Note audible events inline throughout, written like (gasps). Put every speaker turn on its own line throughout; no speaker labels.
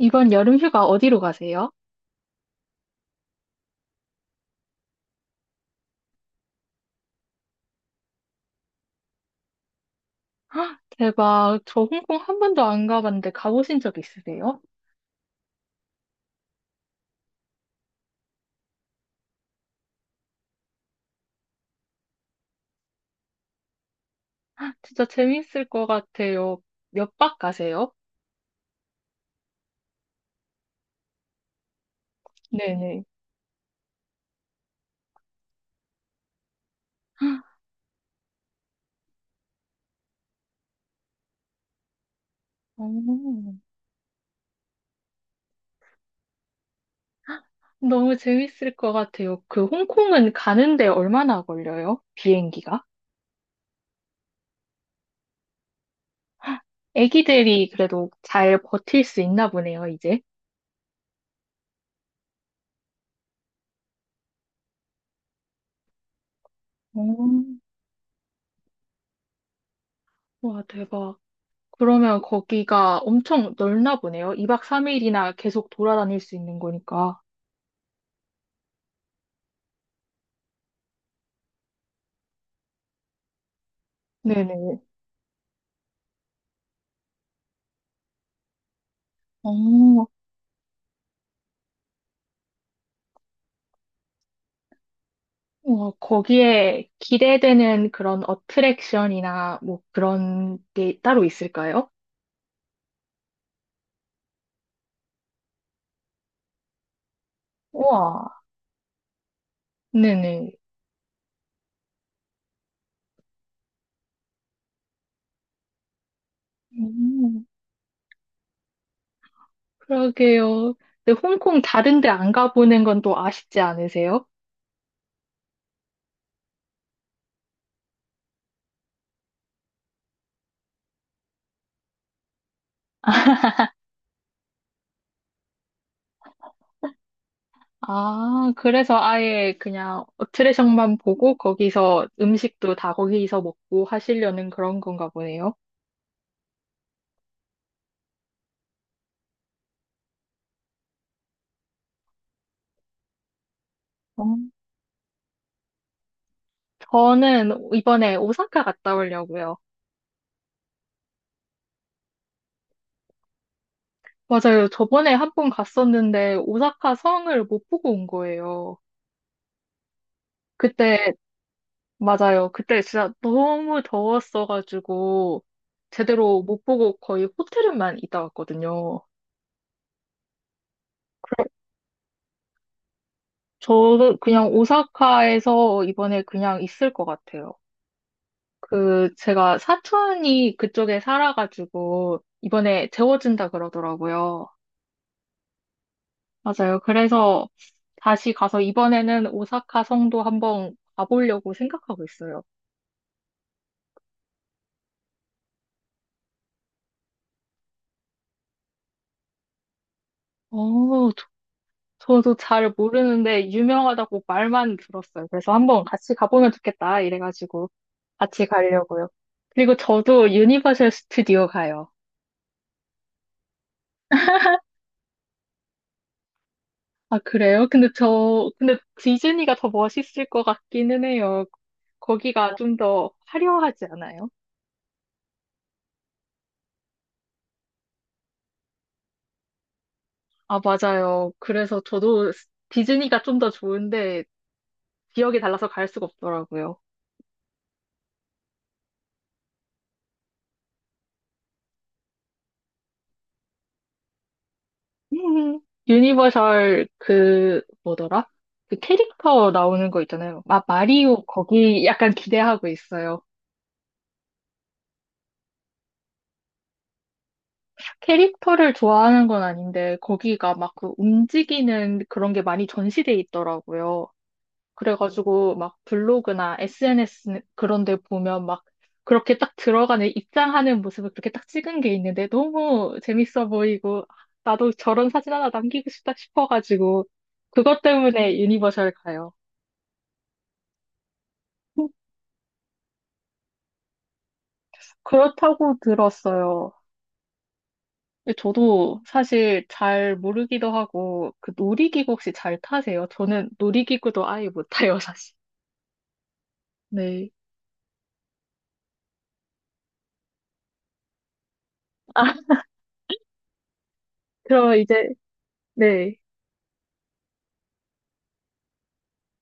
이번 여름 휴가 어디로 가세요? (gasps) 헉, 대박. 저 홍콩 한 번도 안 가봤는데 가보신 적 있으세요? 진짜 재밌을 것 같아요. 몇 박 가세요? 네네. (gasps) 오, 너무 재밌을 것 같아요. 그 홍콩은 가는데 얼마나 걸려요? 비행기가? 애기들이 그래도 잘 버틸 수 있나 보네요, 이제. 오, 와, 대박. 그러면 거기가 엄청 넓나 보네요. 2박 3일이나 계속 돌아다닐 수 있는 거니까. 네네. 오, 어, 거기에 기대되는 그런 어트랙션이나 뭐 그런 게 따로 있을까요? 우와. 네네. 음, 그러게요. 근데 홍콩 다른 데 안 가보는 건 또 아쉽지 않으세요? 아, 그래서 아예 그냥 어트랙션만 보고 거기서 음식도 다 거기서 먹고 하시려는 그런 건가 보네요. 어, 저는 이번에 오사카 갔다 오려고요. 맞아요. 저번에 한 번 갔었는데 오사카 성을 못 보고 온 거예요. 그때, 맞아요. 그때 진짜 너무 더웠어가지고, 제대로 못 보고 거의 호텔에만 있다 왔거든요. 그래, 저도 그냥 오사카에서 이번에 그냥 있을 것 같아요. 그, 제가 사촌이 그쪽에 살아가지고, 이번에 재워준다 그러더라고요. 맞아요. 그래서 다시 가서 이번에는 오사카 성도 한번 가보려고 생각하고 있어요. 어, 저도 잘 모르는데 유명하다고 말만 들었어요. 그래서 한번 같이 가보면 좋겠다 이래가지고 같이 가려고요. 그리고 저도 유니버셜 스튜디오 가요. 아, 그래요? 근데 저, 근데 디즈니가 더 멋있을 것 같기는 해요. 거기가 좀 더 화려하지 않아요? 아, 맞아요. 그래서 저도 디즈니가 좀 더 좋은데 지역이 달라서 갈 수가 없더라고요. 음. 유니버설 그 뭐더라? 그 캐릭터 나오는 거 있잖아요. 마, 마리오 거기 약간 기대하고 있어요. 캐릭터를 좋아하는 건 아닌데 거기가 막 그 움직이는 그런 게 많이 전시돼 있더라고요. 그래가지고 막 블로그나 SNS 그런 데 보면 막 그렇게 딱 들어가는 입장하는 모습을 그렇게 딱 찍은 게 있는데 너무 재밌어 보이고 아, 나도 저런 사진 하나 남기고 싶다 싶어가지고 그것 때문에 유니버설 가요. 그렇다고 들었어요. 근데 저도 사실 잘 모르기도 하고, 그 놀이기구 혹시 잘 타세요? 저는 놀이기구도 아예 못 타요, 사실. (laughs) 네. 아, 그럼 이제, 네.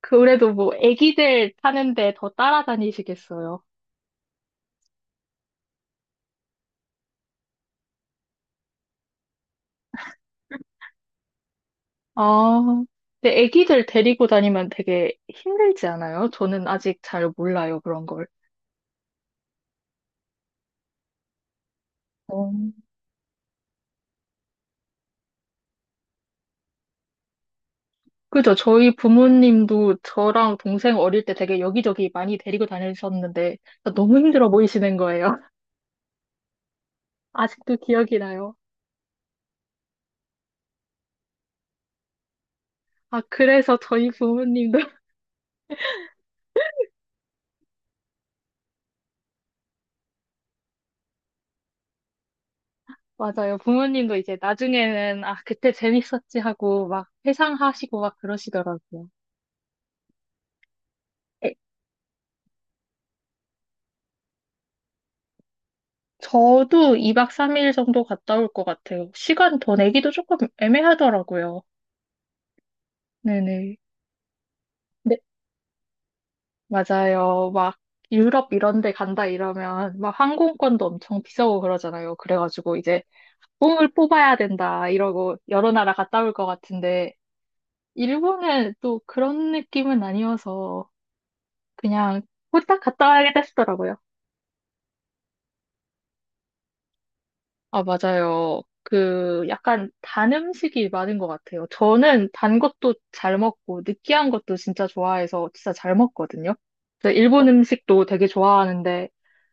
그래도 뭐, 애기들 타는데 더 따라다니시겠어요? 아, 근데 애기들 데리고 다니면 되게 힘들지 않아요? 저는 아직 잘 몰라요, 그런 걸. 어. 그죠. 저희 부모님도 저랑 동생 어릴 때 되게 여기저기 많이 데리고 다니셨는데, 너무 힘들어 보이시는 거예요. 아직도 기억이 나요. 아, 그래서 저희 부모님도, (laughs) 맞아요. 부모님도 이제 나중에는, 아, 그때 재밌었지 하고 막 회상하시고 막 그러시더라고요. 에, 저도 2박 3일 정도 갔다 올 것 같아요. 시간 더 내기도 조금 애매하더라고요. 네네. 네, 맞아요. 막 유럽 이런 데 간다 이러면 막 항공권도 엄청 비싸고 그러잖아요. 그래가지고 이제 뽕을 뽑아야 된다 이러고 여러 나라 갔다 올 것 같은데, 일본은 또 그런 느낌은 아니어서 그냥 후딱 갔다 와야겠다 싶더라고요. 아, 맞아요. 그 약간 단 음식이 많은 것 같아요. 저는 단 것도 잘 먹고 느끼한 것도 진짜 좋아해서 진짜 잘 먹거든요. 그래서 일본 음식도 되게 좋아하는데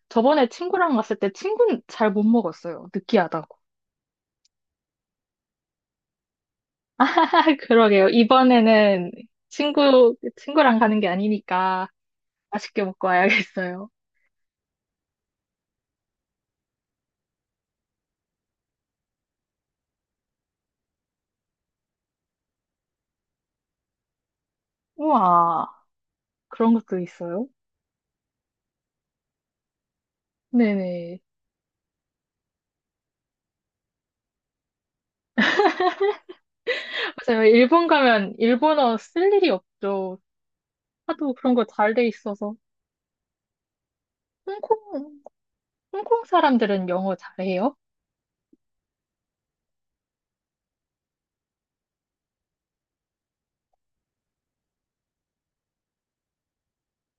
저번에 친구랑 갔을 때 친구는 잘 못 먹었어요. 느끼하다고. (laughs) 그러게요. 이번에는 친구랑 가는 게 아니니까 맛있게 먹고 와야겠어요. 우와, 그런 것도 있어요. 네네. 맞아요. 일본 가면 일본어 쓸 일이 없죠. 하도 그런 거 잘 돼 있어서. 홍콩, 홍콩 사람들은 영어 잘해요?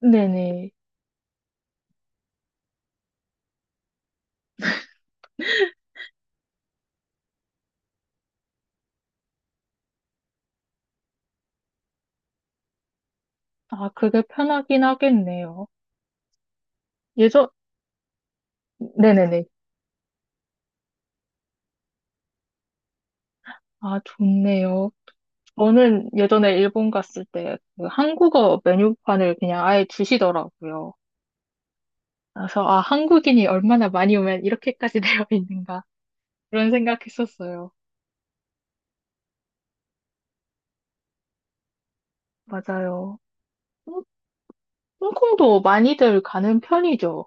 네네. 아, 그게 편하긴 하겠네요. 예전, 네네네. 아, 좋네요. 저는 예전에 일본 갔을 때그 한국어 메뉴판을 그냥 아예 주시더라고요. 그래서, 아, 한국인이 얼마나 많이 오면 이렇게까지 (laughs) 되어 있는가. 그런 생각했었어요. 맞아요. 홍- 홍콩도 많이들 가는 편이죠.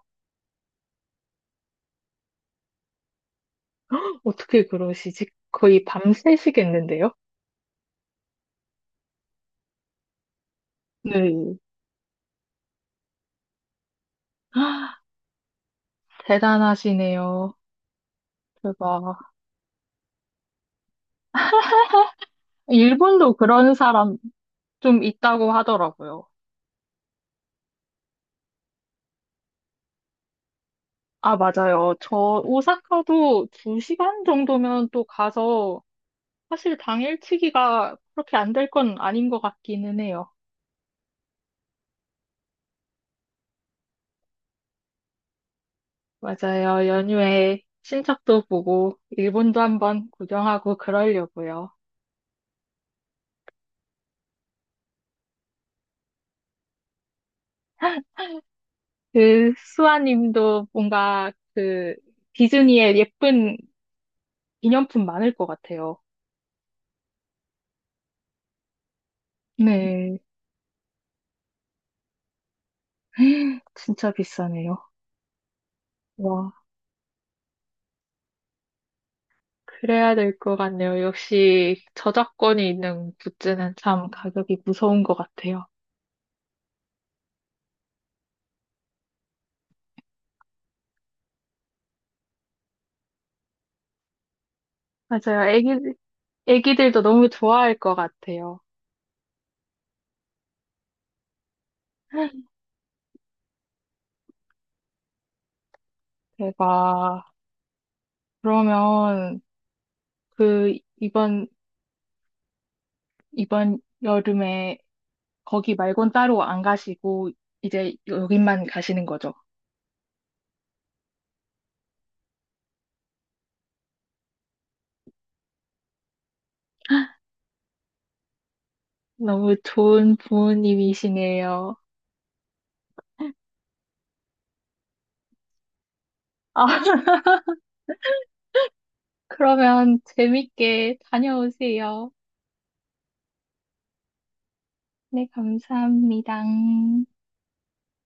어떻게 그러시지? 거의 밤새시겠는데요? 네. (gasps) 대단하시네요. 대박. 일본도 그런 사람 좀 있다고 하더라고요. 아, 맞아요. 저 오사카도 2시간 정도면 또 가서 사실 당일치기가 그렇게 안 될 건 아닌 것 같기는 해요. 맞아요. 연휴에 친척도 보고 일본도 한번 구경하고 그러려고요. 그 수아님도 뭔가 그 디즈니의 예쁜 기념품 많을 것 같아요. 네. (gasps) (laughs) 진짜 비싸네요. 와, 그래야 될 것 같네요. 역시 저작권이 있는 굿즈는 참 가격이 무서운 것 같아요. 맞아요. 애기들도 너무 좋아할 것 같아요. (gasps) 대박. 그러면 그 이번 여름에 거기 말곤 따로 안 가시고 이제 여기만 가시는 거죠? 너무 좋은 부모님이시네요. 아, 그러면 재밌게 다녀오세요. 네, 감사합니다.